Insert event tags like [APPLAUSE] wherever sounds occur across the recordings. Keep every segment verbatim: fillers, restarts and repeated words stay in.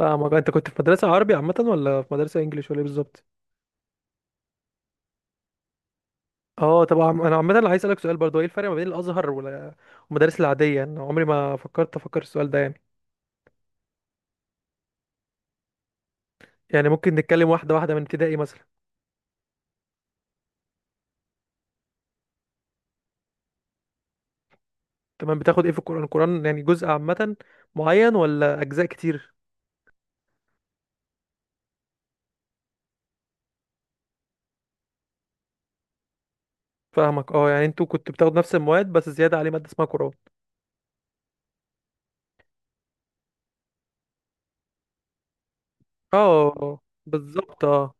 اه، ما انت كنت في مدرسة عربي عامة، ولا في مدرسة انجليش، ولا ايه بالظبط؟ اه طبعا، انا عامة اللي عايز اسألك سؤال برضه، ايه الفرق ما بين الازهر وال- والمدارس العادية؟ انا عمري ما فكرت افكر السؤال ده يعني. يعني ممكن نتكلم واحدة واحدة من ابتدائي مثلا. تمام، بتاخد ايه في القرآن؟ القرآن يعني جزء عامة معين، ولا اجزاء كتير؟ فاهمك، اه، يعني انتوا كنتوا بتاخدوا نفس المواد، بس زيادة عليه مادة اسمها قرآن. اه بالظبط، اه.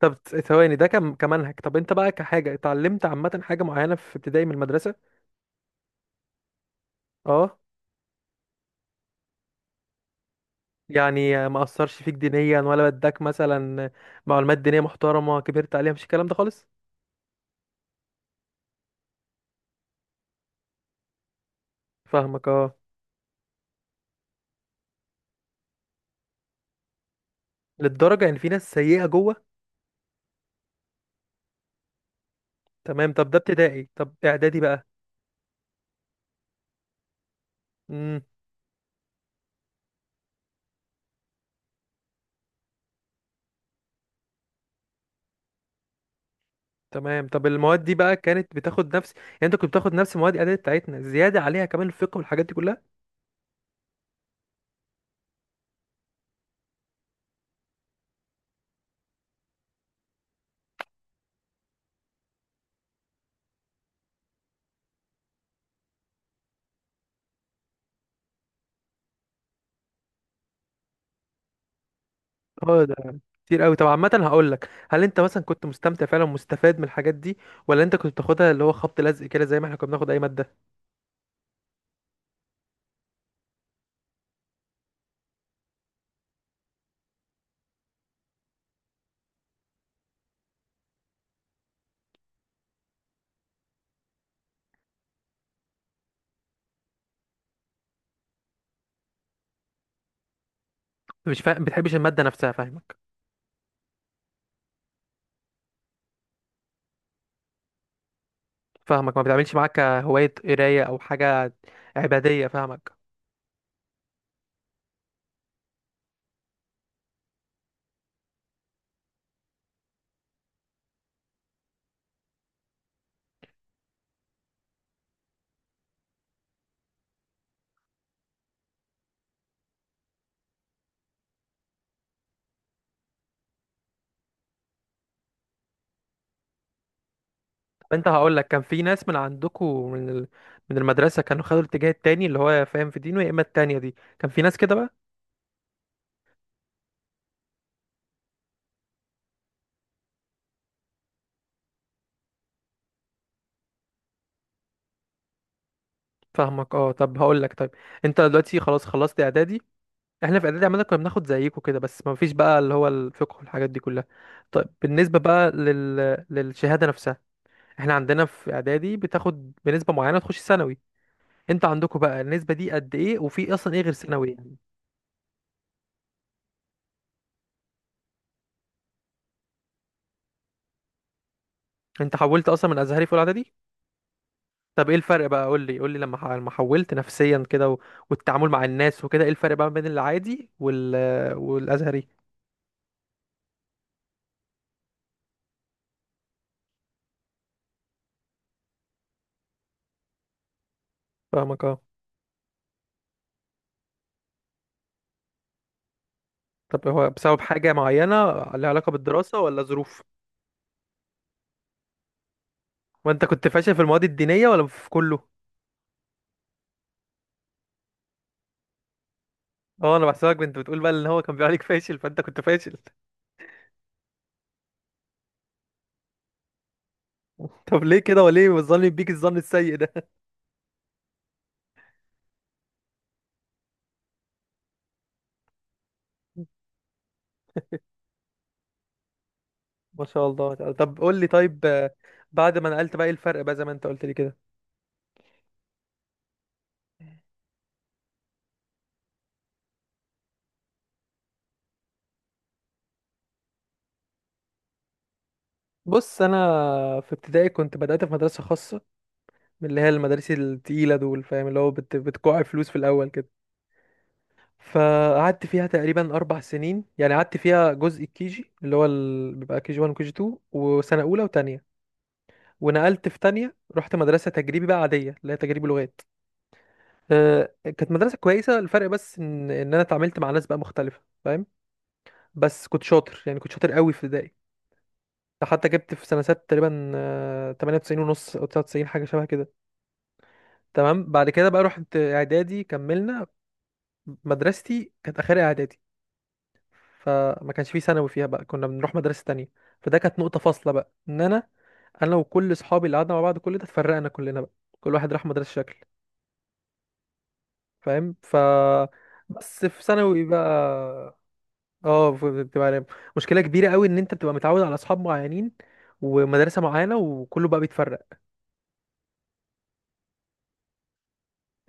طب ثواني، ده كم كمنهج؟ طب انت بقى كحاجة اتعلمت عامة حاجة معينة في ابتدائي من المدرسة؟ اه، يعني ما اثرش فيك دينيا، ولا بدك مثلا معلومات دينيه محترمه كبرت عليها، مفيش الكلام ده خالص؟ فاهمك اه، للدرجه ان في ناس سيئه جوه؟ تمام، طب ده ابتدائي، طب اعدادي بقى؟ امم. تمام، طب المواد دي بقى كانت بتاخد نفس، يعني انت كنت بتاخد نفس مواد اعدادي بتاعتنا، زياده عليها كمان الفقه والحاجات دي كلها؟ اه، ده كتير قوي. طب عامه هقول لك، هل انت مثلا كنت مستمتع فعلا، مستفاد من الحاجات دي، ولا انت كنت بتاخدها اللي هو خبط لزق كده، زي ما احنا كنا بناخد اي ماده؟ مش فاهم، بتحبش الماده نفسها، فاهمك. فاهمك، ما بتعملش معاك هواية قراية او حاجة عبادية، فاهمك. طب انت هقول لك، كان في ناس من عندكم من ال... من المدرسة كانوا خدوا الاتجاه التاني اللي هو فاهم في دينه، يا اما التانية دي كان في ناس كده بقى؟ فاهمك اه، طب هقول لك، طيب، انت دلوقتي خلاص خلصت اعدادي. احنا في اعدادي عمالة كنا بناخد زيكم كده، بس ما فيش بقى اللي هو الفقه والحاجات دي كلها. طيب بالنسبة بقى لل... للشهادة نفسها، احنا عندنا في اعدادي بتاخد بنسبة معينة تخش ثانوي، انت عندكم بقى النسبة دي قد ايه، وفي اصلا ايه غير ثانوي؟ انت حولت اصلا من ازهري في اولى اعدادي؟ طب ايه الفرق بقى، قول لي قول لي لما ح- لما حولت نفسيا كده و... والتعامل مع الناس وكده، ايه الفرق بقى بين العادي وال والازهري؟ فاهمك اه، طب هو بسبب حاجة معينة لها علاقة بالدراسة، ولا ظروف؟ وانت كنت فاشل في المواد الدينية، ولا في كله؟ اه، انا بحسبك كنت بتقول بقى ان هو كان بيقول عليك فاشل، فانت كنت فاشل. [LAUGHS] طب ليه كده؟ وليه بتظلم بيك الظن السيء ده؟ [LAUGHS] ما شاء الله. طب قول لي، طيب، آه، بعد ما نقلت بقى ايه الفرق بقى زي ما انت قلت لي كده؟ بص انا، في ابتدائي كنت بدأت في مدرسة خاصة، اللي هي المدارس التقيلة دول، فاهم، اللي هو بت... بتكوع فلوس في الأول كده. فقعدت فيها تقريبا أربع سنين، يعني قعدت فيها جزء الكيجي اللي هو ال... بيبقى كيجي واحد وكيجي اتنين وسنة أولى وتانية. ونقلت في تانية، رحت مدرسة تجريبي بقى عادية، اللي هي تجريبي لغات. أه كانت مدرسة كويسة، الفرق بس إن... إن أنا اتعاملت مع ناس بقى مختلفة، فاهم. بس كنت شاطر، يعني كنت شاطر قوي في ابتدائي. حتى جبت في سنة ست تقريبا، آه، تمانية وتسعين ونص أو تسعة وتسعين، حاجة شبه كده. تمام، بعد كده بقى رحت إعدادي كملنا. مدرستي كانت اخرها اعدادي، فما كانش فيه ثانوي فيها، بقى كنا بنروح مدرسة تانية. فده كانت نقطة فاصلة بقى، ان انا انا وكل اصحابي اللي قعدنا مع بعض كل ده، اتفرقنا كلنا بقى، كل واحد راح مدرسة شكل، فاهم، ف بس في ثانوي بقى، اه ف- بتبقى مشكلة كبيرة قوي، ان انت بتبقى متعود على اصحاب معينين ومدرسة معينة، وكله بقى بيتفرق.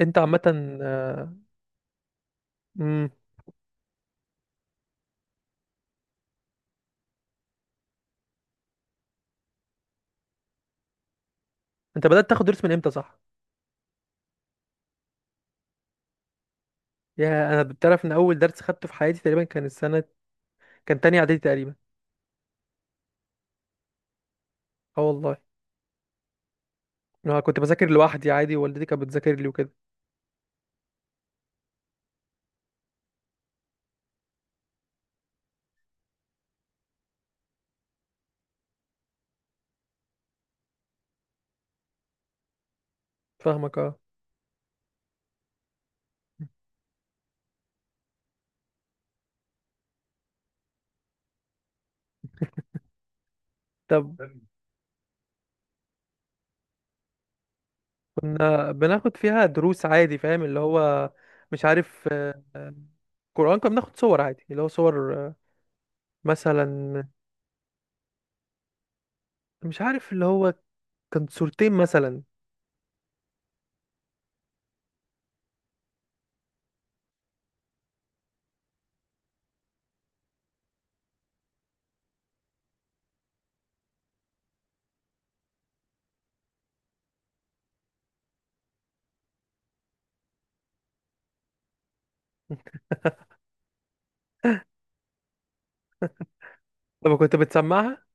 انت عامة، آه، مم. انت بدأت تاخد درس من امتى، صح؟ يا انا بتعرف ان اول درس خدته في حياتي تقريبا كان السنة، كان تاني اعدادي تقريبا. اه والله. اه كنت بذاكر لوحدي عادي، والدتي كانت بتذاكر لي وكده. فاهمك اه. طب، كنا بناخد فيها دروس عادي، فاهم اللي هو، مش عارف، آه، آه، قرآن كنا بناخد صور عادي، اللي هو صور، آه، مثلا، مش عارف اللي هو، كان صورتين مثلا. [LAUGHS] طب كنت بتسمعها؟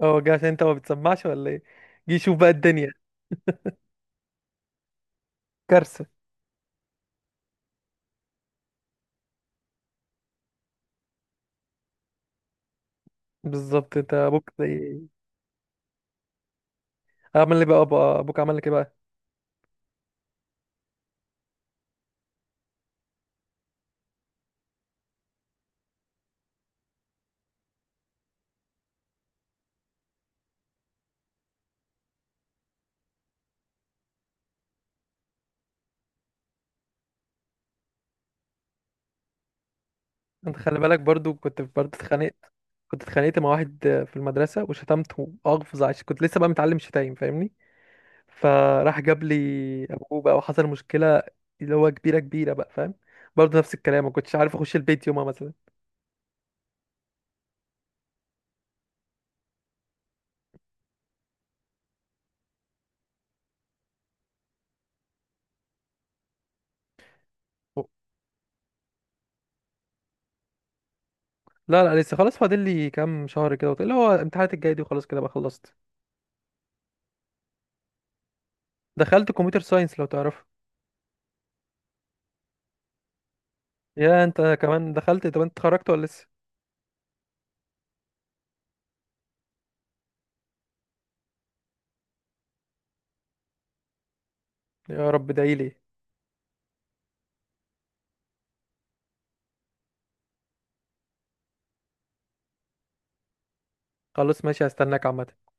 اه جه عشان انت ما بتسمعش ولا ايه؟ جه شوف بقى الدنيا. كارثة. بالظبط، انت ابوك زي، عمل لي بقى بقى- ابوك عمل لك ايه بقى؟ انت خلي بالك، برضو كنت برضو اتخانقت، كنت اتخانقت مع واحد في المدرسة، وشتمته أغفظ عشان كنت لسه بقى متعلم شتايم، فاهمني. فراح جاب لي أبوه بقى، وحصل مشكلة اللي هو كبيرة كبيرة بقى، فاهم. برضو نفس الكلام، ما كنتش عارف أخش البيت يومها مثلا. لا لا، لسه، خلاص فاضل لي كام شهر كده، اللي هو الامتحانات الجاية دي، وخلاص كده بقى خلصت. دخلت كمبيوتر ساينس، لو تعرفه. يا انت كمان دخلت، طب انت اتخرجت ولا لسه؟ يا رب ادعيلي. خلاص ماشي، هستناك عامة.